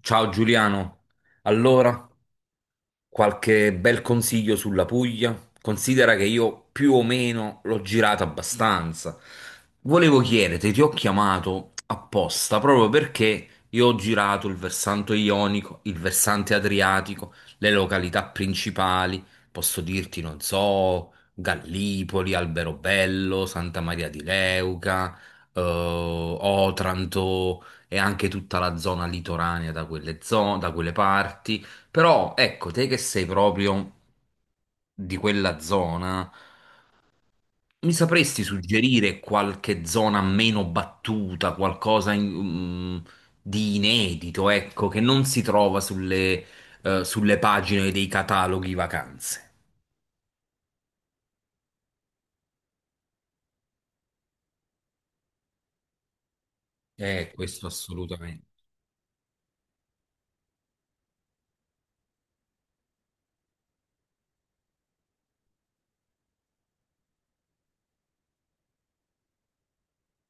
Ciao Giuliano, allora qualche bel consiglio sulla Puglia? Considera che io più o meno l'ho girato abbastanza. Volevo chiederti, ti ho chiamato apposta proprio perché io ho girato il versante ionico, il versante adriatico, le località principali, posso dirti, non so, Gallipoli, Alberobello, Santa Maria di Leuca, Otranto e anche tutta la zona litoranea da quelle zone, da quelle parti. Però ecco, te che sei proprio di quella zona, mi sapresti suggerire qualche zona meno battuta, di inedito, ecco, che non si trova sulle pagine dei cataloghi vacanze? Questo assolutamente.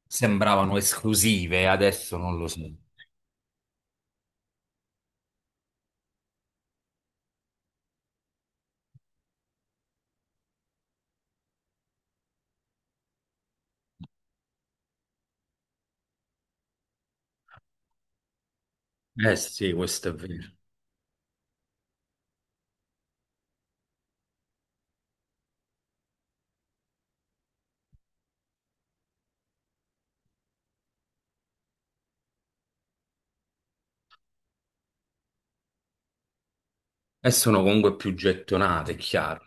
Sembravano esclusive, adesso non lo so. Eh sì, questo è vero. E sono comunque più gettonate, è chiaro.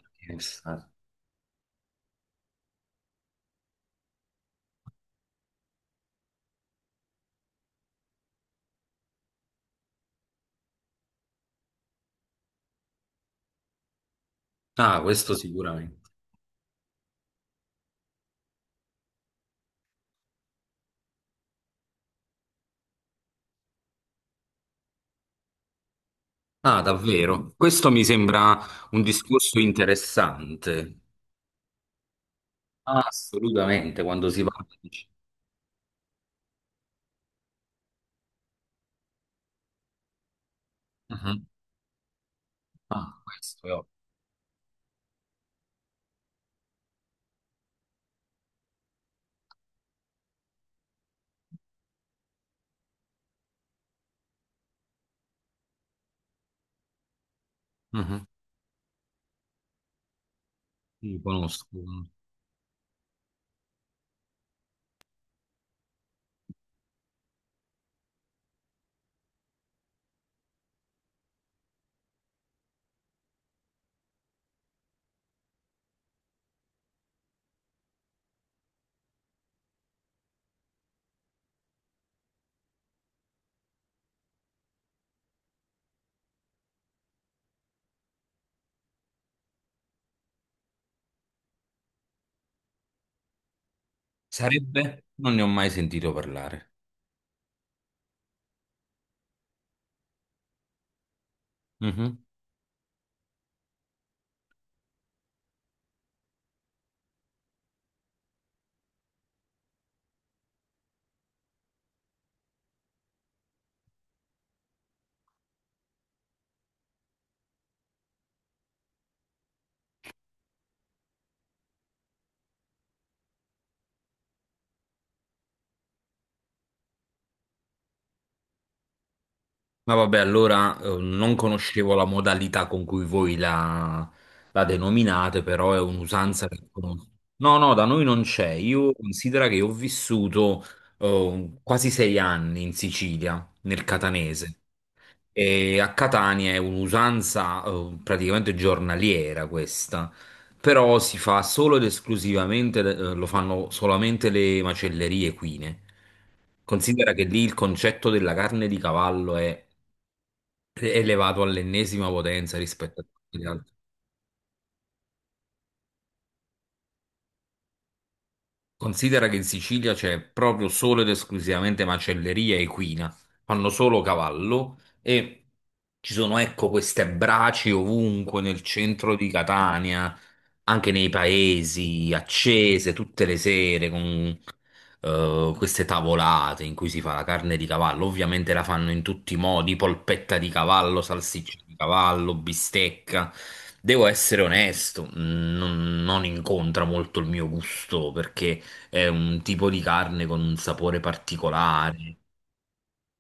Ah, questo sicuramente. Ah, davvero? Questo mi sembra un discorso interessante. Ah, assolutamente, quando si parla di... Mhm. Ah, questo è ovvio. Mhm. Sì, conosco. Sarebbe? Non ne ho mai sentito parlare. Mhm. Ma vabbè, allora non conoscevo la modalità con cui voi la, la denominate, però è un'usanza che conosco. No, no, da noi non c'è. Io considero che ho vissuto quasi sei anni in Sicilia, nel catanese. E a Catania è un'usanza praticamente giornaliera questa, però si fa solo ed esclusivamente, lo fanno solamente le macellerie equine. Considera che lì il concetto della carne di cavallo è elevato all'ennesima potenza rispetto a tutti gli altri. Considera che in Sicilia c'è proprio solo ed esclusivamente macelleria equina, fanno solo cavallo e ci sono, ecco, queste braci ovunque nel centro di Catania, anche nei paesi, accese tutte le sere con queste tavolate in cui si fa la carne di cavallo. Ovviamente la fanno in tutti i modi, polpetta di cavallo, salsiccia di cavallo, bistecca. Devo essere onesto, non, non incontra molto il mio gusto perché è un tipo di carne con un sapore particolare,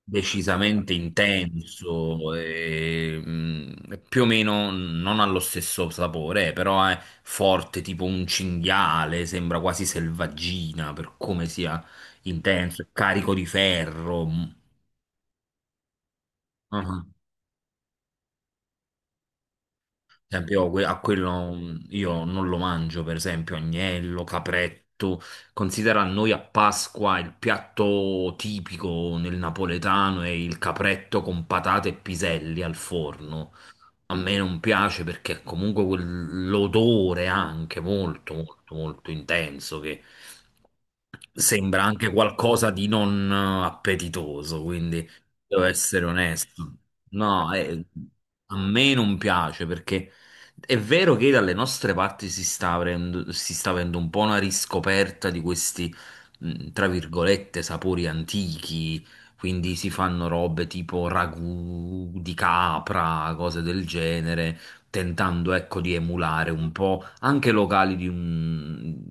decisamente intenso, e, più o meno non ha lo stesso sapore, però è forte, tipo un cinghiale, sembra quasi selvaggina per come sia intenso, carico di ferro. Mm. Per esempio, a quello io non lo mangio, per esempio, agnello, capretto. Considera noi a Pasqua il piatto tipico nel napoletano è il capretto con patate e piselli al forno. A me non piace perché comunque quell'odore anche molto, molto, molto intenso che sembra anche qualcosa di non appetitoso, quindi devo essere onesto. No, a me non piace perché è vero che dalle nostre parti si sta avendo un po' una riscoperta di questi, tra virgolette, sapori antichi, quindi si fanno robe tipo ragù di capra, cose del genere, tentando ecco di emulare un po' anche locali di un-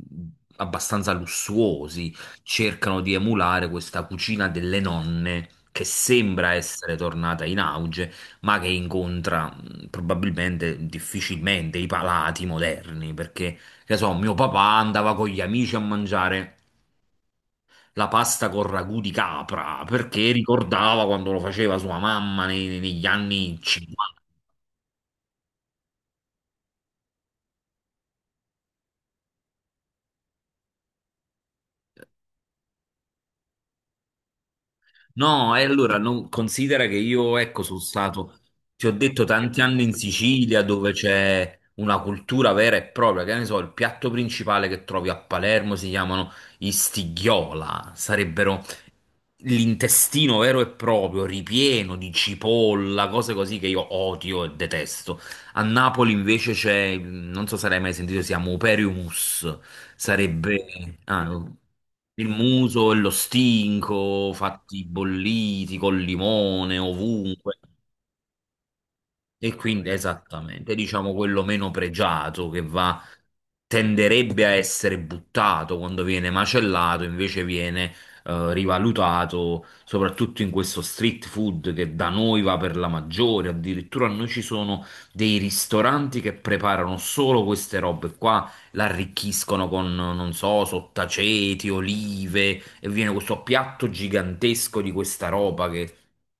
abbastanza lussuosi, cercano di emulare questa cucina delle nonne che sembra essere tornata in auge, ma che incontra probabilmente difficilmente i palati moderni, perché che so, mio papà andava con gli amici a mangiare la pasta con ragù di capra perché ricordava quando lo faceva sua mamma nei- negli anni 50. No, e allora non, considera che io, ecco, sono stato, ti ho detto, tanti anni in Sicilia dove c'è una cultura vera e propria, che ne so, il piatto principale che trovi a Palermo si chiamano i stighiola, sarebbero l'intestino vero e proprio, ripieno di cipolla, cose così che io odio e detesto. A Napoli invece c'è, non so se l'hai mai sentito, si chiama operiumus, sarebbe il muso e lo stinco fatti bolliti col limone ovunque. E quindi esattamente, diciamo quello meno pregiato che va, tenderebbe a essere buttato quando viene macellato, invece viene rivalutato, soprattutto in questo street food che da noi va per la maggiore. Addirittura noi ci sono dei ristoranti che preparano solo queste robe qua, l'arricchiscono con, non so, sottaceti, olive, e viene questo piatto gigantesco di questa roba che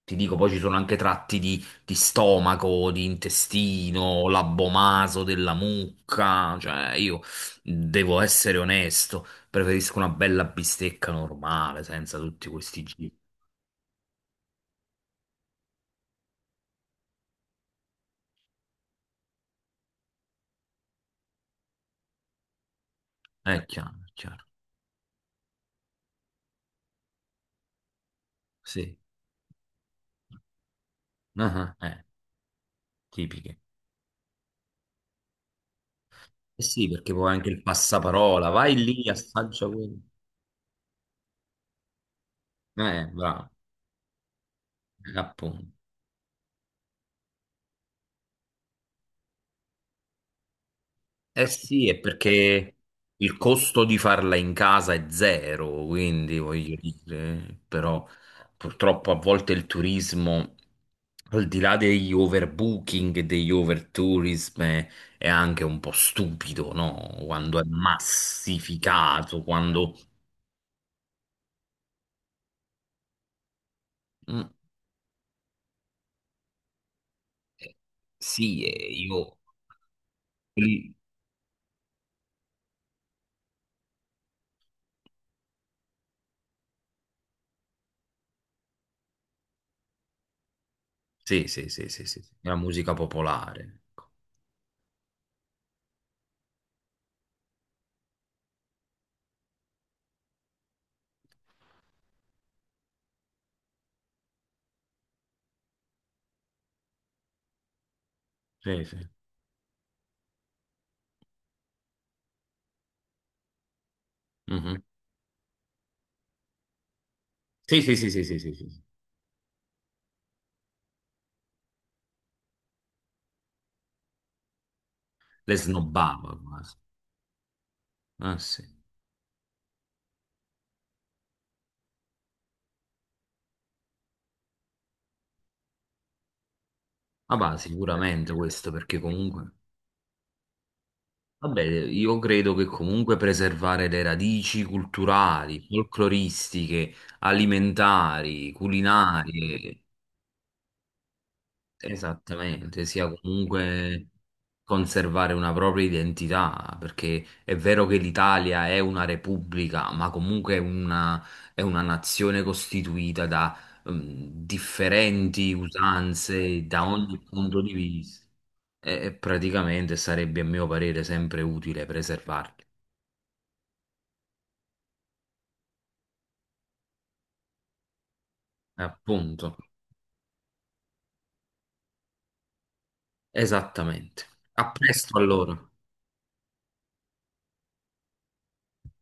ti dico, poi ci sono anche tratti di stomaco, di intestino, l'abbomaso della mucca, cioè io devo essere onesto, preferisco una bella bistecca normale, senza tutti questi giri. È chiaro, sì. Ah, ah, tipiche. Eh sì, perché poi anche il passaparola, vai lì, assaggia quello. Bravo, appunto. Eh sì, è perché il costo di farla in casa è zero, quindi voglio dire, però purtroppo a volte il turismo, al di là degli overbooking e degli overtourism, è anche un po' stupido, no? Quando è massificato, quando... Mm, eh, sì, io... il- Sì, sì, sì, sì, sì, sì, la musica popolare, ecco. Sì, sì. Mhm. Sì, sì, sì, sì, sì, sì, sì, sì. Le snobbava quasi. Ah, sì. Ah, bah, sicuramente questo perché comunque, vabbè, io credo che comunque preservare le radici culturali, folcloristiche, alimentari, mm, culinarie, esattamente, sia comunque conservare una propria identità, perché è vero che l'Italia è una repubblica, ma comunque è una nazione costituita da differenti usanze da ogni punto di vista e praticamente sarebbe, a mio parere, sempre utile preservarle. Appunto, esattamente. A presto allora.